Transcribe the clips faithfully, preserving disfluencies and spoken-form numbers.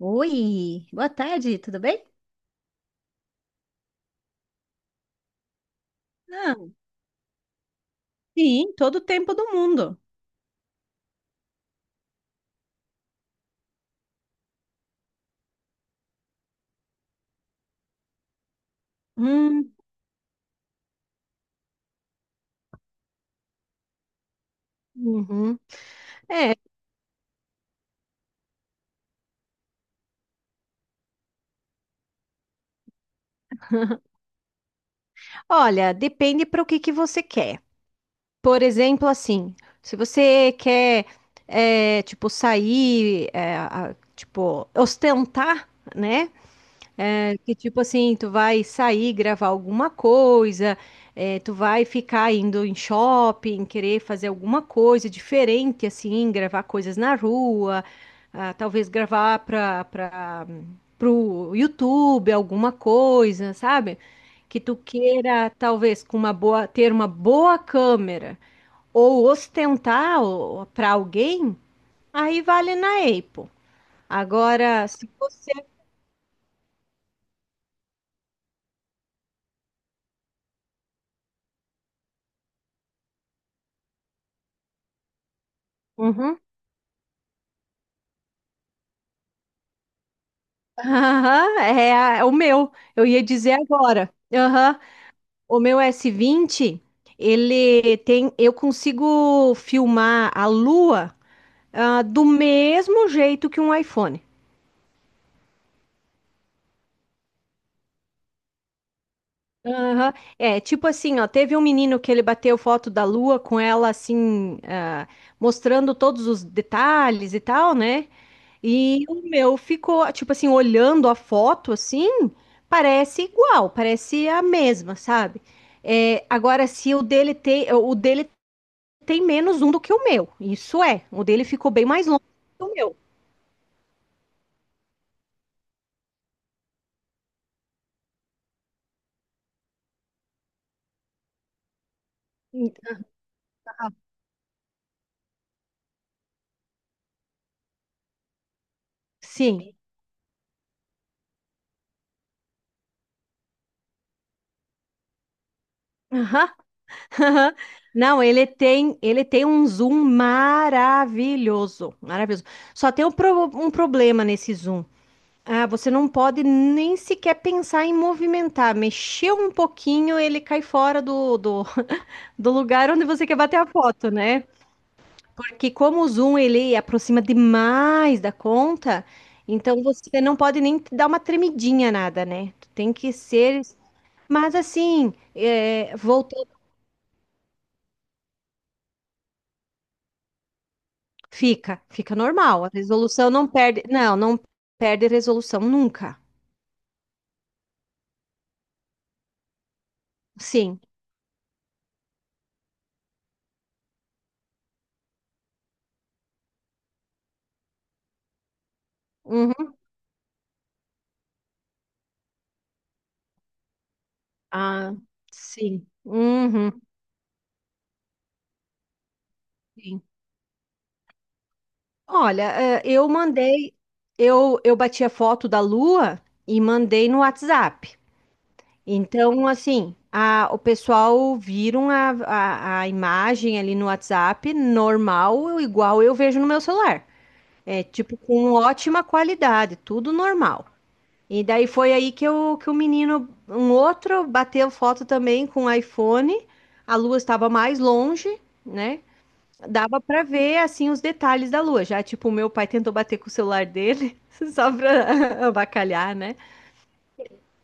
Oi, boa tarde, tudo bem? Ah, sim, todo o tempo do mundo. Hum, uhum. É, olha, depende para o que que você quer. Por exemplo, assim, se você quer, é, tipo, sair, é, a- tipo, ostentar, né? É, que tipo assim, tu vai sair, gravar alguma coisa, é, tu vai ficar indo em shopping, querer fazer alguma coisa diferente, assim, gravar coisas na rua, ah, talvez gravar para para pro YouTube alguma coisa, sabe? Que tu queira, talvez, com uma boa, ter uma boa câmera ou ostentar para alguém, aí vale na Apple. Agora, se você. Uhum. Aham, é, é o meu. Eu ia dizer agora. Aham. O meu S vinte, ele tem. Eu consigo filmar a lua, ah, do mesmo jeito que um iPhone. Aham. É, tipo assim, ó, teve um menino que ele bateu foto da lua com ela assim, ah, mostrando todos os detalhes e tal, né? E o meu ficou, tipo assim, olhando a foto assim, parece igual, parece a mesma, sabe? É, agora, se o dele tem, o dele tem menos um do que o meu, isso é, o dele ficou bem mais longe do que o meu. Então. Sim. Aham, aham. Não, ele tem, ele tem um zoom maravilhoso, maravilhoso. Só tem um, pro- um problema nesse zoom. Ah, você não pode nem sequer pensar em movimentar. Mexeu um pouquinho, ele cai fora do, do, do lugar onde você quer bater a foto, né? Porque como o zoom ele aproxima demais da conta, então você não pode nem dar uma tremidinha nada, né? Tu tem que ser. Mas assim, é, voltou, fica, fica normal. A resolução não perde, não, não perde resolução nunca. Sim. Uhum. Ah, sim. Uhum. Sim. Olha, eh, eu mandei, eu, eu bati a foto da lua e mandei no WhatsApp. Então, assim, a- o pessoal viram a, a, a imagem ali no WhatsApp, normal, igual eu vejo no meu celular. É, tipo, com ótima qualidade, tudo normal. E daí foi aí que, eu, que o menino, um outro, bateu foto também com o iPhone, a lua estava mais longe, né? Dava pra ver, assim, os detalhes da lua. Já, tipo, o meu pai tentou bater com o celular dele, só pra avacalhar, né?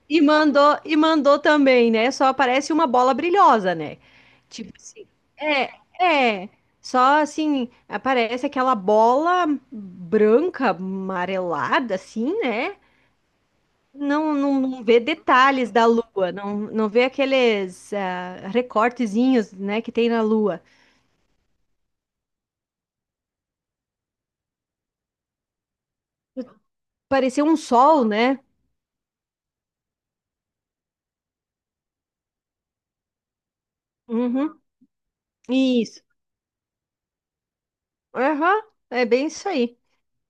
E mandou, e mandou também, né? Só aparece uma bola brilhosa, né? Tipo assim. É, é. Só assim, aparece aquela bola branca, amarelada, assim, né? Não, não, não vê detalhes da lua, não, não vê aqueles ah, recortezinhos, né, que tem na lua. Pareceu um sol, né? Uhum. Isso. Aham, é bem isso aí.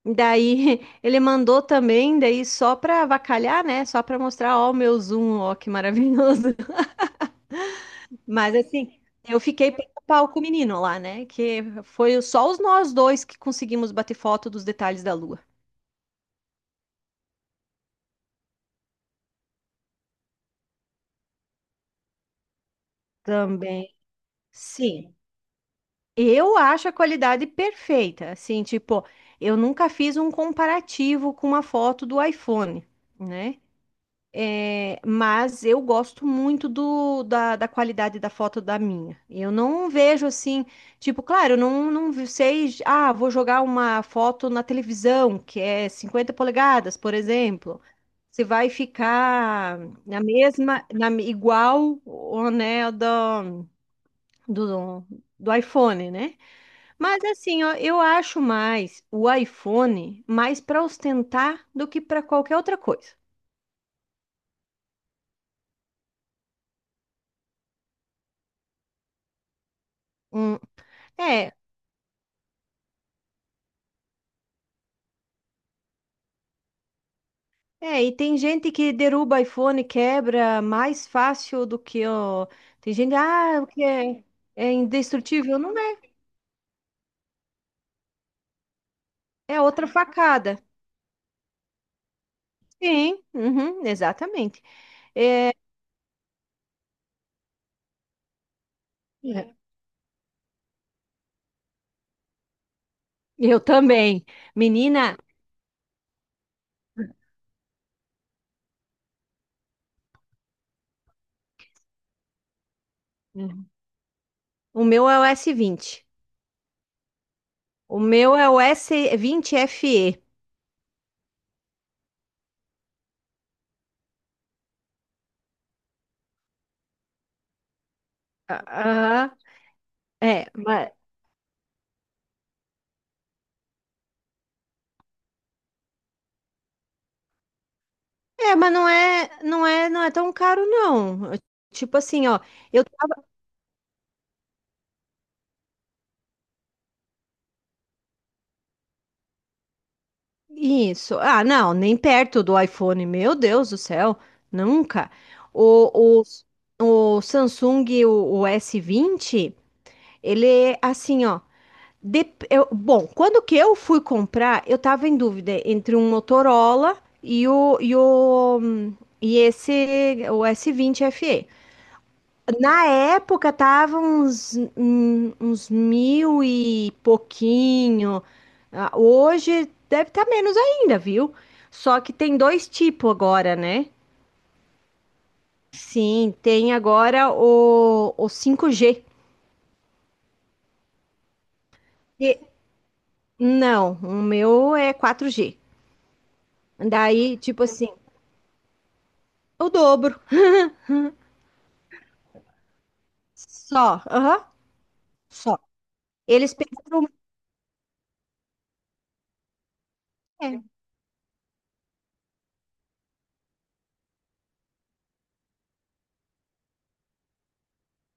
Daí ele mandou também, daí só pra avacalhar, né? Só pra mostrar, ó, o meu zoom, ó, que maravilhoso. Mas assim, eu fiquei pau a pau com o menino lá, né? Que foi só os nós dois que conseguimos bater foto dos detalhes da lua. Também. Sim. Eu acho a qualidade perfeita. Assim, tipo, eu nunca fiz um comparativo com uma foto do iPhone, né? É, mas eu gosto muito do, da, da qualidade da foto da minha. Eu não vejo assim, tipo, claro, eu não, não vi- sei, ah, vou jogar uma foto na televisão, que é cinquenta polegadas, por exemplo. Você vai ficar na mesma, na, igual o né, do, do, do iPhone, né? Mas assim, ó, eu acho mais o iPhone mais para ostentar do que para qualquer outra coisa. Hum, é, É, e tem gente que derruba iPhone, quebra mais fácil do que o. Tem gente, ah, o que é, é, indestrutível? Não é, é outra facada. Sim, uhum, exatamente. É, é, eu também. Menina. Uhum. O meu é o s vinte. O meu é o S vinte F E. Ah, ah, é, mas, é, mas não é, não é, não é tão caro, não. Tipo assim, ó. Eu Isso. Ah, não, nem perto do iPhone. Meu Deus do céu, nunca. O, o, o Samsung, o, o S vinte, ele é assim, ó. dep- eu- bom, quando que eu fui comprar, eu tava em dúvida entre um Motorola e o, e o, e esse, o S vinte F E. Na época tava uns, hum, uns mil e pouquinho. Ah, hoje deve estar menos ainda, viu? Só que tem dois tipos agora, né? Sim, tem agora o, o cinco g. E- não, o meu é quatro g. Daí, tipo assim, o dobro. Só, aham, só. Eles pegaram.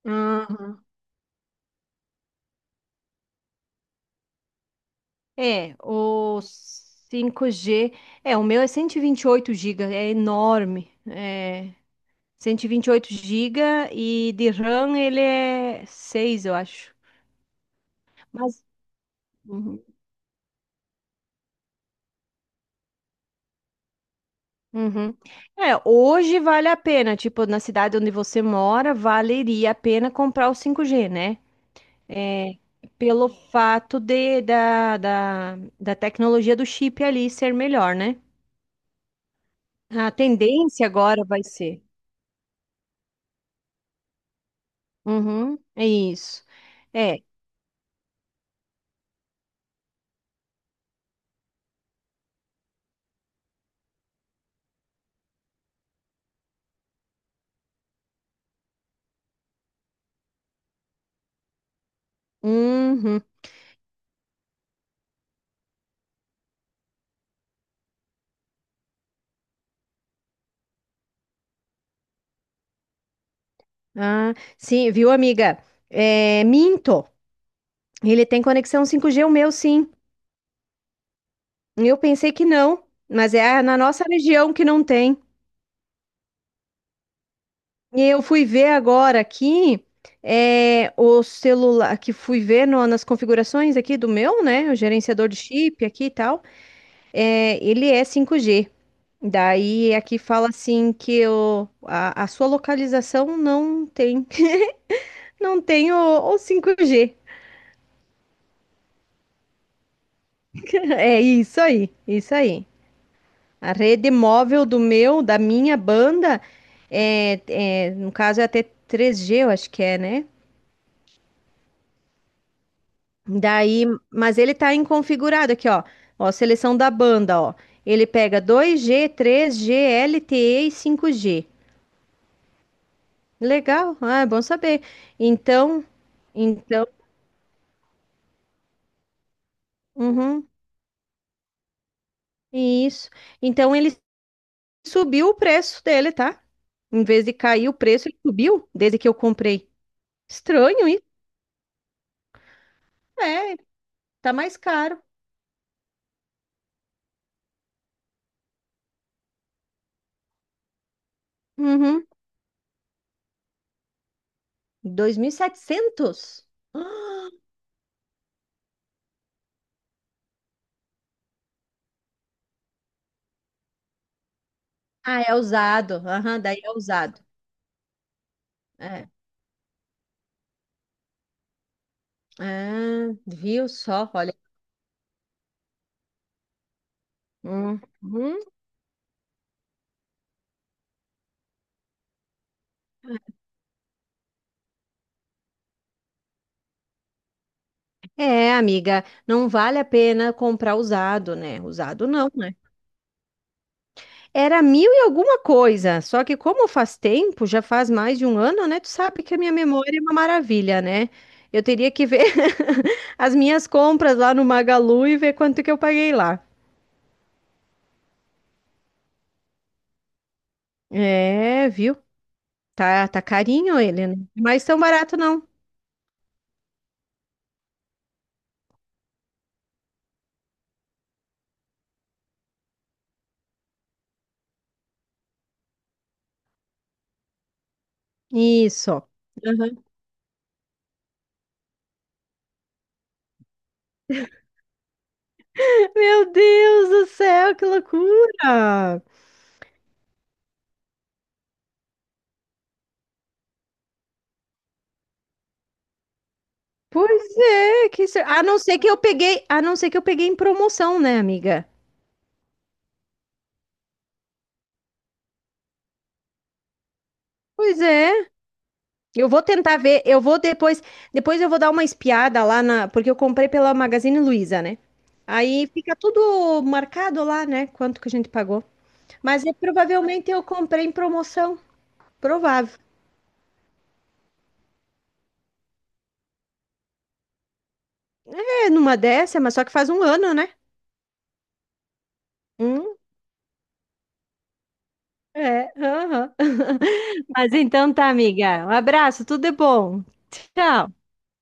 É. É, o cinco g é, o meu é cento e e vinte e oito gigas, é enorme. É cento e vinte e oito gigas e de RAM ele é seis, eu acho. Mas uhum. Uhum. É, hoje vale a pena, tipo, na cidade onde você mora, valeria a pena comprar o cinco g, né? É, pelo fato de da, da, da tecnologia do chip ali ser melhor, né? A tendência agora vai ser. Uhum, é isso. É. Uhum. Ah, sim, viu, amiga? É, minto. Ele tem conexão cinco g, o meu, sim. Eu pensei que não, mas é na nossa região que não tem. E eu fui ver agora aqui, é, o celular, que fui ver no- nas configurações aqui do meu, né? O gerenciador de chip aqui e tal. É, ele é cinco g. Daí aqui fala assim que o- a a sua localização não tem. Não tenho o cinco G. É isso aí, isso aí. A rede móvel do meu, da minha banda, é, é, no caso é até três G, eu acho que é, né? Daí, mas ele tá inconfigurado aqui, ó. Ó, seleção da banda, ó. Ele pega dois G, três G, LTE e cinco G. Legal, ah, é bom saber. Então, então, uhum, isso. Então ele subiu o preço dele, tá? Em vez de cair o preço, ele subiu desde que eu comprei. Estranho isso. É, tá mais caro. Uhum. dois mil e setecentos? Ah, é usado. Aham, daí é usado. É. Ah, viu só? Olha. Uhum. É, amiga, não vale a pena comprar usado, né? Usado não, né? Era mil e alguma coisa, só que como faz tempo, já faz mais de um ano, né? Tu sabe que a minha memória é uma maravilha, né? Eu teria que ver as minhas compras lá no Magalu e ver quanto que eu paguei lá. É, viu? Tá, tá carinho ele, né? Mas tão barato não. Isso. Aham. Meu Deus do céu, que loucura! Pois é, que... isso- a não ser que eu peguei, a não ser que eu peguei em promoção, né, amiga? Pois é. Eu vou tentar ver, eu vou depois, depois eu vou dar uma espiada lá na, porque eu comprei pela Magazine Luiza, né? Aí fica tudo marcado lá, né? Quanto que a gente pagou. Mas é, provavelmente eu comprei em promoção. Provável. É numa dessa, mas só que faz um ano, né? Hum, é. Aham. Mas então tá, amiga. Um abraço, tudo é bom. Tchau.